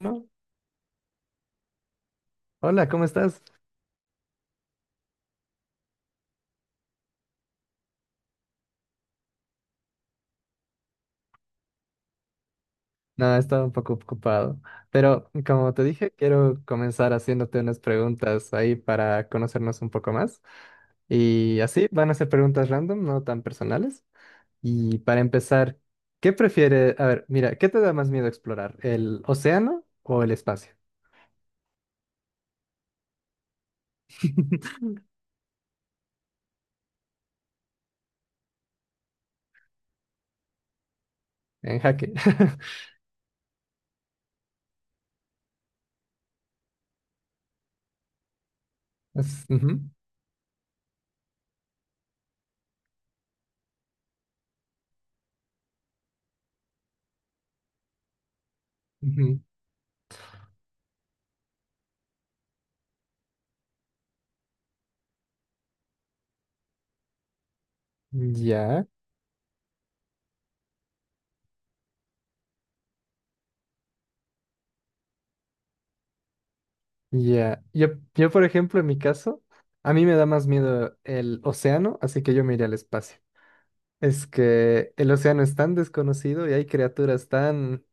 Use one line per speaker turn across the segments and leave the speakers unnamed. No. Hola, ¿cómo estás? No, he estado un poco ocupado, pero como te dije, quiero comenzar haciéndote unas preguntas ahí para conocernos un poco más. Y así van a ser preguntas random, no tan personales. Y para empezar, ¿qué prefiere? A ver, mira, ¿qué te da más miedo explorar? ¿El océano o el espacio? En jaque. Ujú, ujú. Ya. Ya, yo, por ejemplo, en mi caso, a mí me da más miedo el océano, así que yo me iría al espacio. Es que el océano es tan desconocido y hay criaturas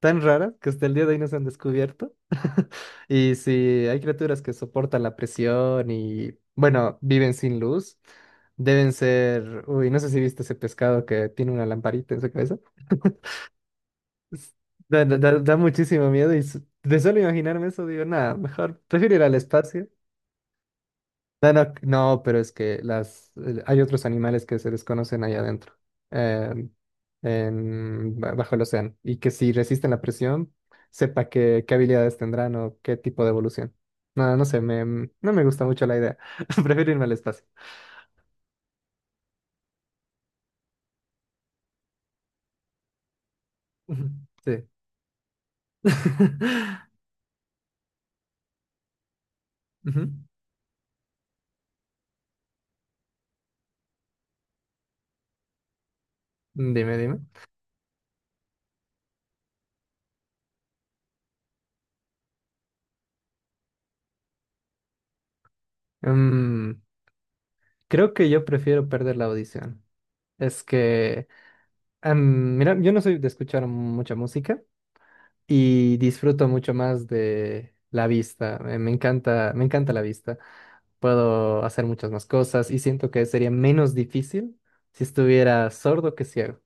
tan raras que hasta el día de hoy no se han descubierto. Y si hay criaturas que soportan la presión y, bueno, viven sin luz, deben ser, uy, no sé si viste ese pescado que tiene una lamparita en su cabeza. Es- da muchísimo miedo y de solo imaginarme eso digo, nada, mejor prefiero ir al espacio. No, no, no, pero es que las hay otros animales que se desconocen allá adentro, em, en, bajo el océano, y que si resisten la presión, sepa qué habilidades tendrán o qué tipo de evolución. No, no sé, no me gusta mucho la idea. Prefiero irme al espacio. Ujú, Sí. Ujú, Dime, dime. Mm, creo que yo prefiero perder la audición. Es mira, yo no soy de escuchar mucha música. Y disfruto mucho más de la vista. Me encanta la vista. Puedo hacer muchas más cosas y siento que sería menos difícil si estuviera sordo que ciego,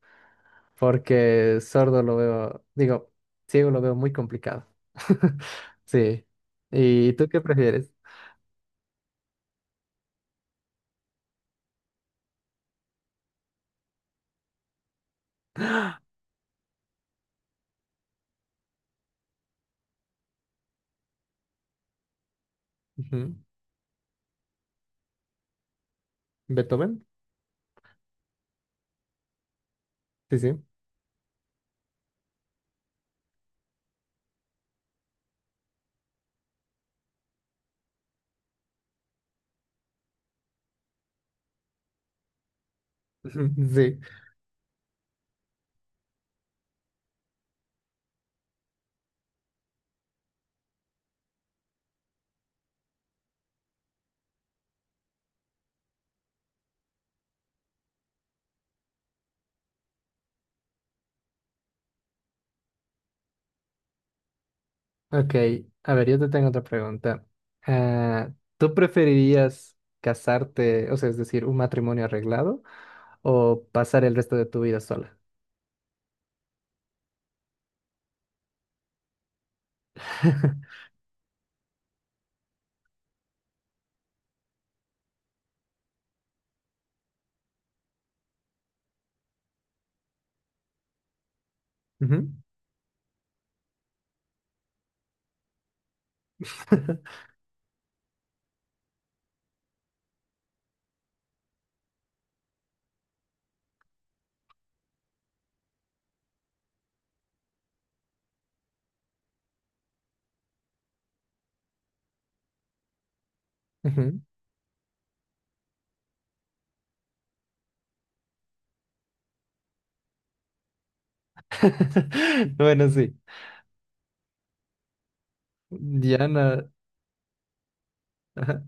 porque sordo lo veo, digo, ciego lo veo muy complicado. Sí. ¿Y tú qué prefieres? Ujú. ¿Beethoven? Sí, sí. Sí. Ok, a ver, yo te tengo otra pregunta. Ah, ¿tú preferirías casarte, o sea, es decir, un matrimonio arreglado o pasar el resto de tu vida sola? Ujú, ujú. Bueno, sí. Ya no. Ajá.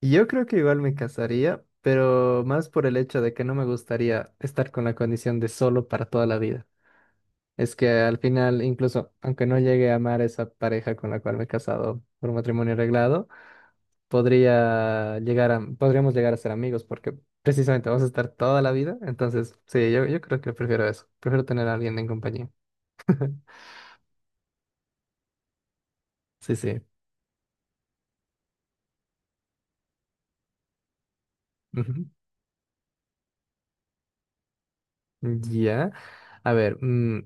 Yo creo que igual me casaría, pero más por el hecho de que no me gustaría estar con la condición de solo para toda la vida. Es que al final, incluso aunque no llegue a amar a esa pareja con la cual me he casado por matrimonio arreglado, podríamos llegar a ser amigos porque precisamente vamos a estar toda la vida. Entonces, sí, yo creo que prefiero eso. Prefiero tener a alguien en compañía. Sí, sí. Ujú. Ya. A ver,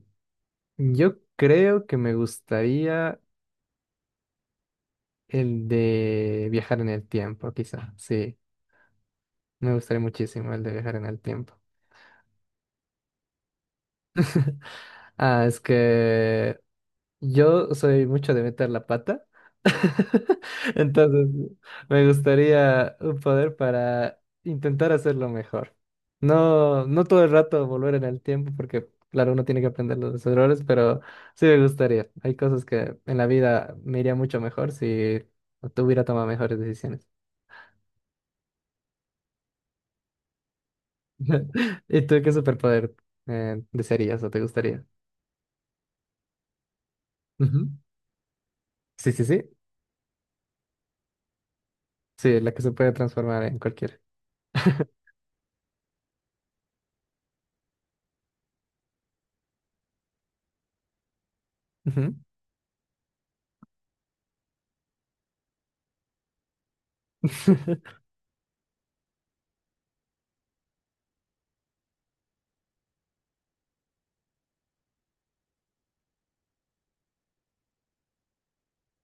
yo creo que me gustaría el de viajar en el tiempo, quizá. Sí, me gustaría muchísimo el de viajar en el tiempo. Ah, es que yo soy mucho de meter la pata. Entonces, me gustaría un poder para intentar hacerlo mejor. No, no todo el rato volver en el tiempo, porque claro, uno tiene que aprender los errores, pero sí me gustaría. Hay cosas que en la vida me iría mucho mejor si tuviera tomado mejores decisiones. ¿Y tú qué superpoder desearías o te gustaría? Ujú. Sí, sí, sí. Sí, la que se puede transformar en cualquiera. Ujú.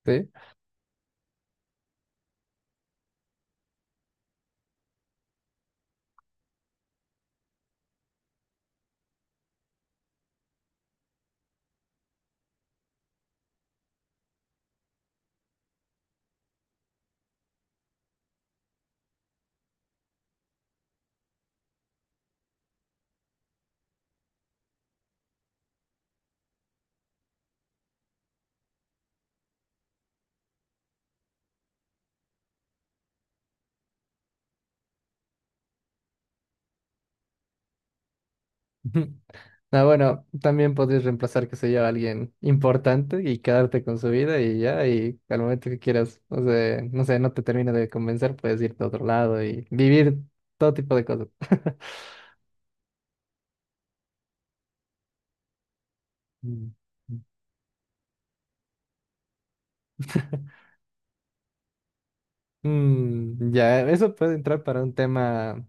Sí. Ujú. Ah, bueno, también podrías reemplazar, qué sé yo, a alguien importante y quedarte con su vida y ya, y al momento que quieras, o sea, no sé, no te termina de convencer, puedes irte a otro lado y vivir todo tipo de cosas. Mm. Mm, ya, eso puede entrar para un tema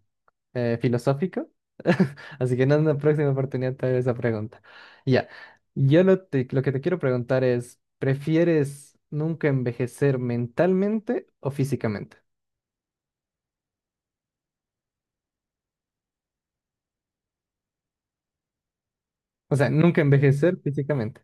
filosófico, así que en una próxima oportunidad te haré esa pregunta. Ya, lo que te quiero preguntar es, ¿prefieres nunca envejecer mentalmente o físicamente? O sea, nunca envejecer físicamente.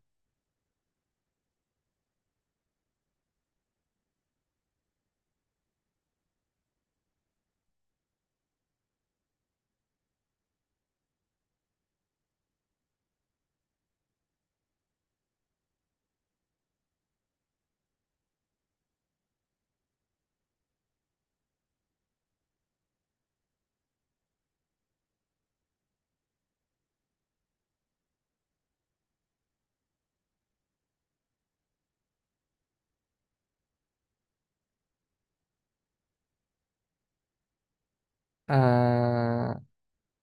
Ah,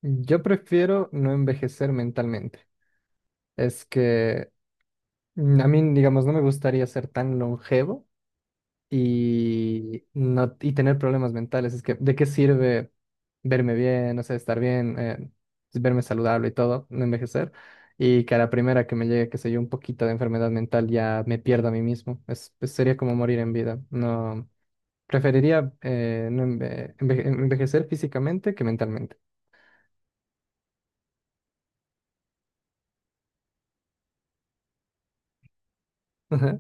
yo prefiero no envejecer mentalmente. Es que mm, a mí, digamos, no me gustaría ser tan longevo y, no, y tener problemas mentales. Es que, ¿de qué sirve verme bien, o sea, estar bien, verme saludable y todo, no envejecer? Y que a la primera que me llegue, qué sé yo, un poquito de enfermedad mental, ya me pierda a mí mismo. Es, pues, sería como morir en vida. No. Preferiría no envejecer físicamente que mentalmente. Ajá,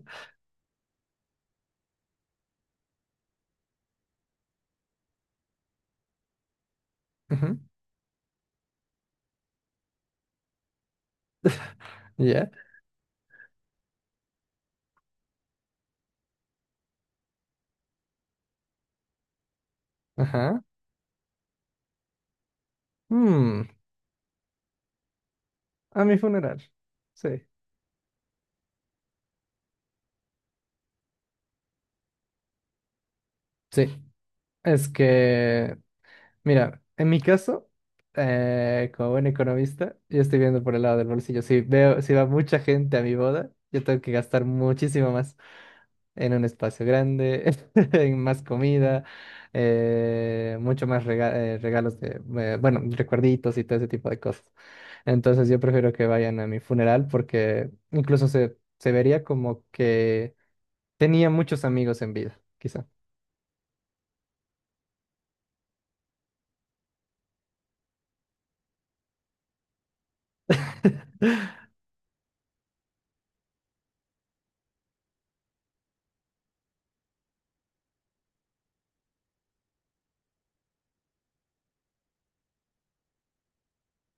ajá. Ya. Ajá. Mm, a mi funeral. Sí. Sí. Es que, mira, en mi caso, como buen economista, yo estoy viendo por el lado del bolsillo. Si veo, si va mucha gente a mi boda, yo tengo que gastar muchísimo más, en un espacio grande, en más comida, eh, mucho más regalos de, bueno, recuerditos y todo ese tipo de cosas. Entonces yo prefiero que vayan a mi funeral porque incluso se vería como que tenía muchos amigos en vida, quizá.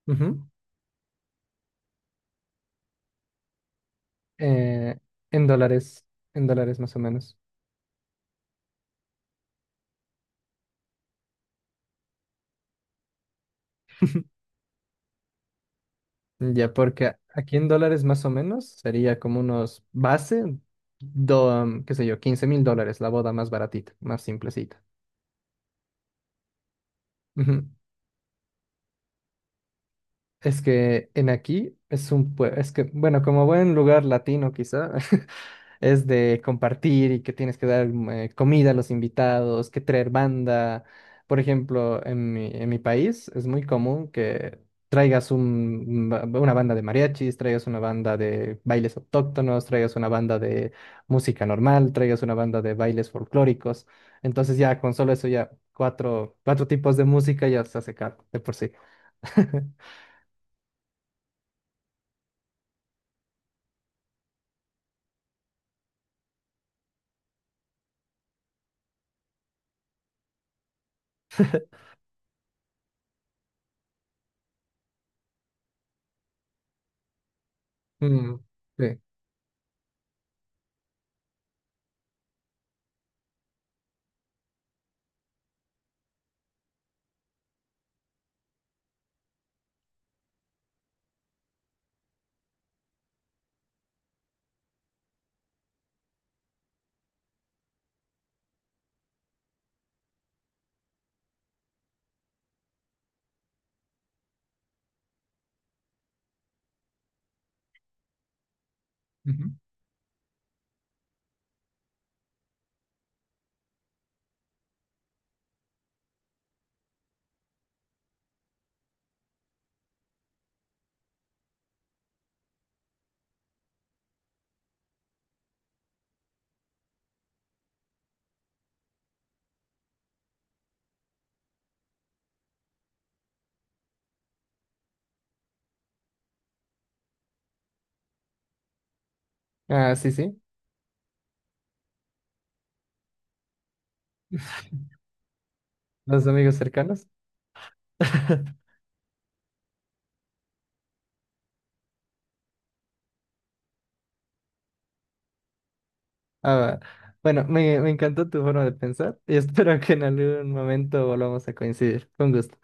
Ujú. Eh, en dólares, en dólares más o menos. Ya, porque aquí en dólares más o menos sería como unos base, do, qué sé yo, $15,000, la boda más baratita, más simplecita. Ujú. Es que en aquí es un es que, bueno, como buen lugar latino quizá, es de compartir y que tienes que dar comida a los invitados, que traer banda. Por ejemplo, en mi país es muy común que traigas una banda de mariachis, traigas una banda de bailes autóctonos, traigas una banda de música normal, traigas una banda de bailes folclóricos. Entonces ya con solo eso ya cuatro tipos de música ya se hace caro de por sí. Mm, sí. Ujú. Ah, sí, sí. Los amigos cercanos. Ah, bueno, me encantó tu forma de pensar y espero que en algún momento volvamos a coincidir. Con gusto.